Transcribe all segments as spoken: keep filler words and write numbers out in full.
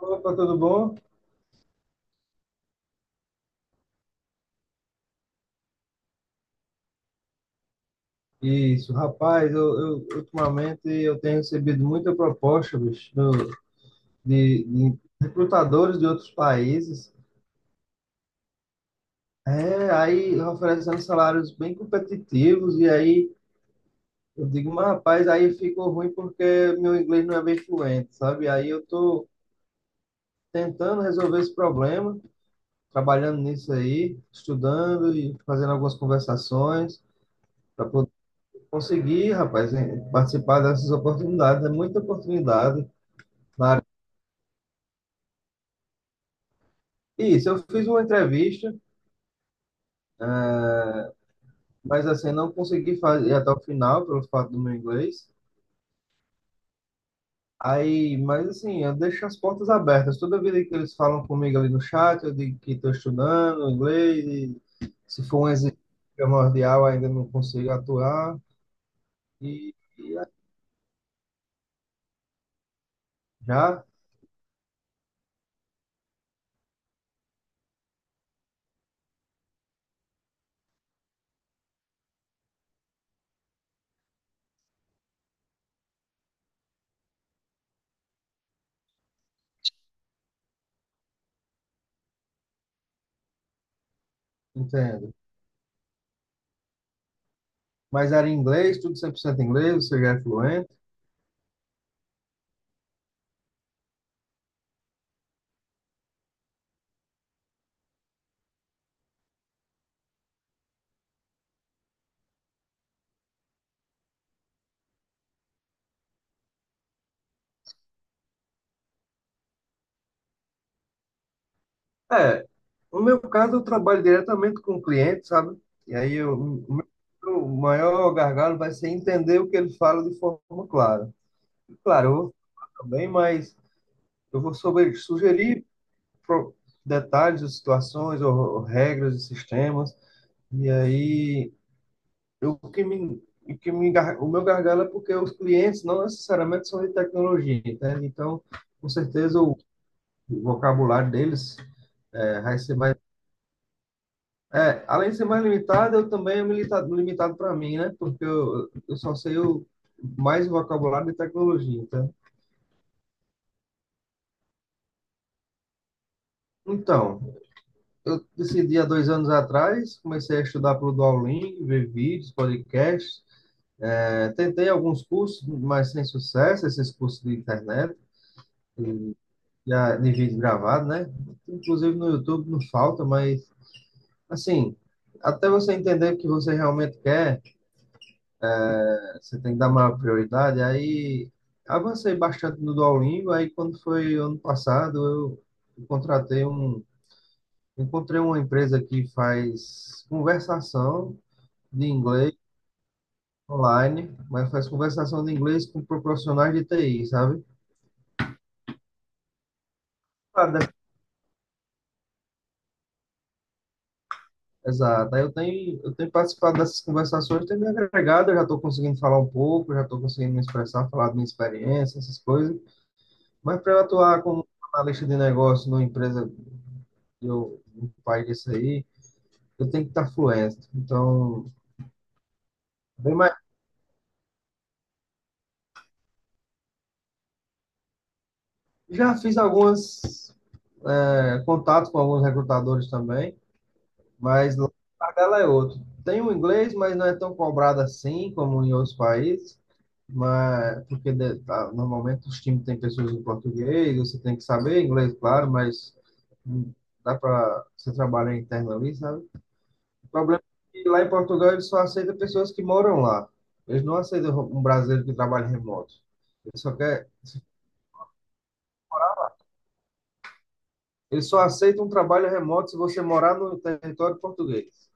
Opa, tudo bom? Isso, rapaz, eu, eu- ultimamente eu tenho recebido muita proposta, bicho, do- de, de recrutadores de outros países. É, aí oferecendo salários bem competitivos, e aí eu digo, mas rapaz, aí ficou ruim porque meu inglês não é bem fluente, sabe? Aí eu tô tentando resolver esse problema, trabalhando nisso aí, estudando e fazendo algumas conversações para poder conseguir, rapaz, em- participar dessas oportunidades. É muita oportunidade. Isso, eu fiz uma entrevista, mas assim, não consegui fazer até o final, pelo fato do meu inglês. Aí, mas assim, eu deixo as portas abertas. Toda vida que eles falam comigo ali no chat, eu digo que estou estudando inglês, e se for um exercício primordial, ainda não consigo atuar, e já entendo. Mas era em inglês, tudo cem por cento inglês, você já é fluente? É, no meu caso, eu trabalho diretamente com o cliente, sabe? E aí eu, o meu o maior gargalo vai ser entender o que ele fala de forma clara. Claro, eu vou também, mas eu vou sobre, sugerir pro- detalhes, ou situações, ou, ou regras de sistemas. E aí, eu, o que me, o que me, gar- o meu gargalo é porque os clientes não necessariamente são de tecnologia, entende? Então, com certeza, o vocabulário deles eh, vai ser mais. É, além de ser mais limitado, eu também é limitado, limitado para mim, né? Porque eu, eu só sei o, mais o vocabulário de tecnologia, tá? Então, eu decidi há dois anos atrás, comecei a estudar pelo Duolingo, ver vídeos, podcasts, é, tentei alguns cursos, mas sem sucesso, esses cursos de internet, já de vídeo gravado, né? Inclusive no YouTube não falta, mas, assim, até você entender o que você realmente quer, você tem que dar maior prioridade. Aí avancei bastante no Duolingo. Aí quando foi ano passado, eu contratei um, encontrei uma empresa que faz conversação de inglês online, mas faz conversação de inglês com profissionais de T I, sabe? Ah, de- Exato. Aí eu tenho, eu tenho participado dessas conversações, tenho me agregado, eu já estou conseguindo falar um pouco, já estou conseguindo me expressar, falar da minha experiência, essas coisas. Mas para eu atuar como analista de negócio numa empresa eu um pai disso aí, eu tenho que estar fluente. Então, bem mais- já fiz alguns contatos com alguns recrutadores também, mas lá a tabela é outro. Tem o inglês, mas não é tão cobrado assim como em outros países, mas porque de- tá, normalmente os times têm pessoas em português, você tem que saber inglês, claro, mas hum, dá para você trabalhar interno ali, sabe? O problema é que lá em Portugal eles só aceitam pessoas que moram lá. Eles não aceitam um brasileiro que trabalha remoto. Eles só, quer, eles só aceitam um trabalho remoto se você morar no território português.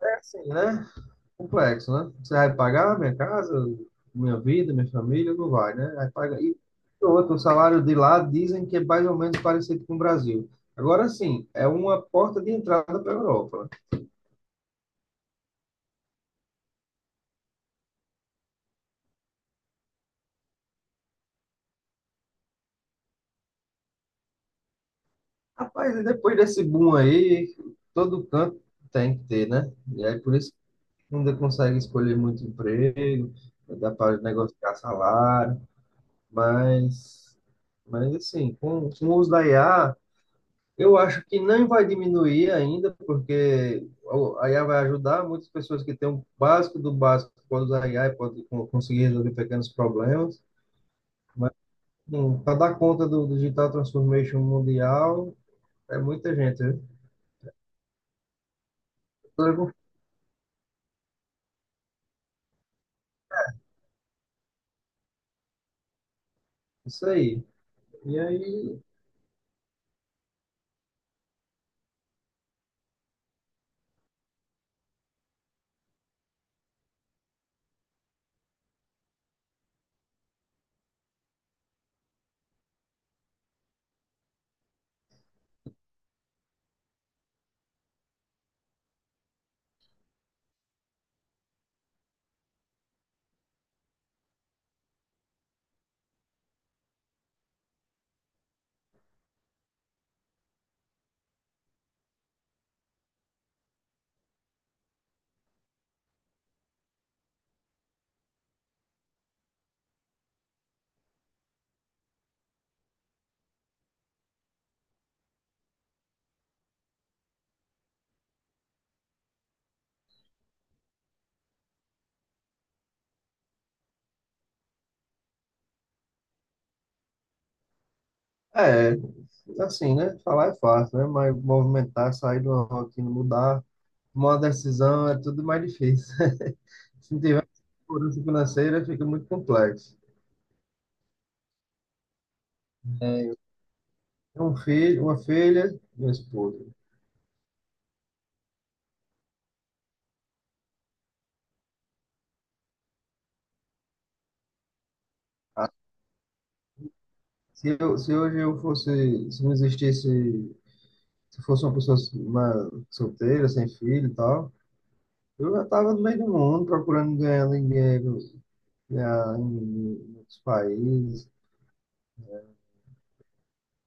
É assim, né? Complexo, né? Você vai pagar minha casa, minha vida, minha família, não vai, né? Vai pagar. E outro, o salário de lá dizem que é mais ou menos parecido com o Brasil. Agora sim, é uma porta de entrada para a Europa, né? Rapaz, e depois desse boom aí, todo canto tem que ter, né? E aí por isso ainda consegue escolher muito emprego, dá para negociar salário, mas, mas assim, com, com o uso da I A, eu acho que não vai diminuir ainda, porque o- a I A vai ajudar muitas pessoas que têm o básico do básico, pode usar a I A e pode con- conseguir resolver pequenos problemas, mas para dar conta do Digital Transformation Mundial, é muita gente, né? Isso aí. E aí, é, assim, né? Falar é fácil, né? Mas movimentar, sair de uma rotina, mudar, tomar uma decisão é tudo mais difícil. Se não tiver segurança financeira, fica muito complexo. Um filho, uma filha e uma esposa. Se, eu, se hoje eu fosse, se não existisse, se fosse uma pessoa uma solteira, sem filho e tal, eu já estava no meio do mundo procurando ganhar dinheiro, ganhar em em outros países,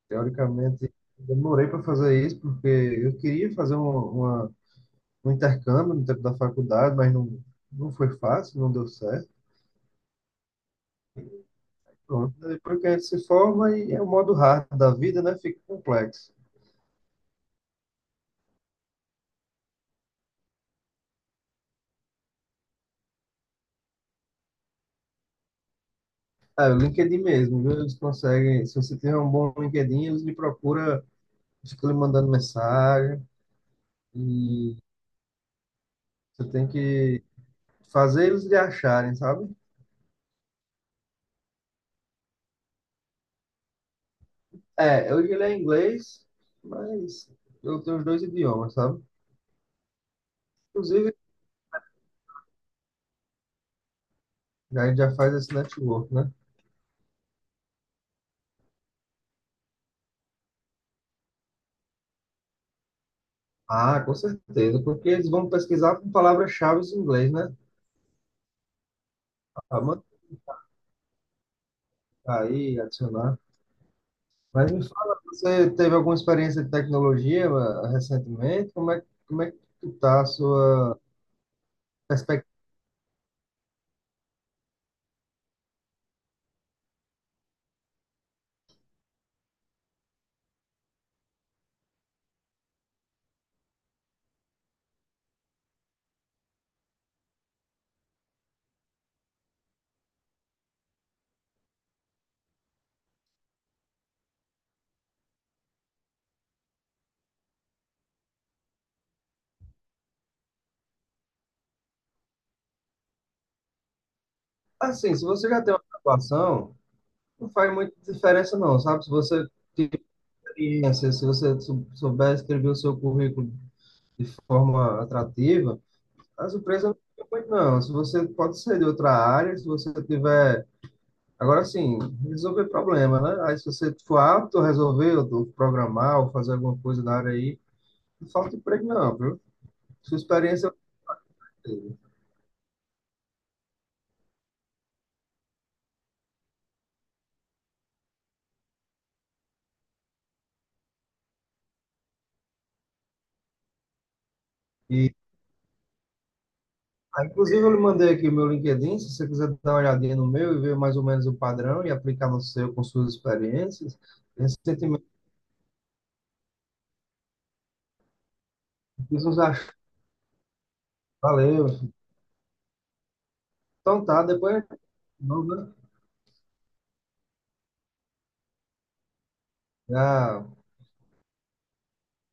teoricamente, demorei para fazer isso porque eu queria fazer uma, uma- um intercâmbio no tempo da faculdade, mas não, não foi fácil, não deu certo. Pronto. Depois que a gente se forma e é o modo hard da vida, né? Fica complexo. Ah, o LinkedIn mesmo, viu? Eles conseguem. Se você tiver um bom LinkedIn, eles lhe procuram, ficam lhe mandando mensagem e você tem que fazer eles lhe acharem, sabe? É, hoje ele é inglês, mas eu tenho os dois idiomas, sabe? Inclusive, já, a gente já faz esse network, né? Ah, com certeza, porque eles vão pesquisar por palavras-chave em inglês, né? Ah, manda. Aí, adicionar. Mas me fala, você teve alguma experiência de tecnologia, eh, recentemente? Como é, como é que está a sua perspectiva? Assim, se você já tem uma graduação, não faz muita diferença não, sabe? Se você tiver experiência, se você sou- souber escrever o seu currículo de forma atrativa, as empresas não ficam muito não. Se você pode ser de outra área, se você tiver. Agora sim, resolver problema, né? Aí se você for apto a resolver, ou programar, ou fazer alguma coisa na área aí, não falta emprego não, viu? Sua experiência e ah, inclusive eu lhe mandei aqui o meu LinkedIn, se você quiser dar uma olhadinha no meu e ver mais ou menos o padrão e aplicar no seu com suas experiências, recentemente fiz uns achos. Valeu. Então tá, depois a gente continua, né? Já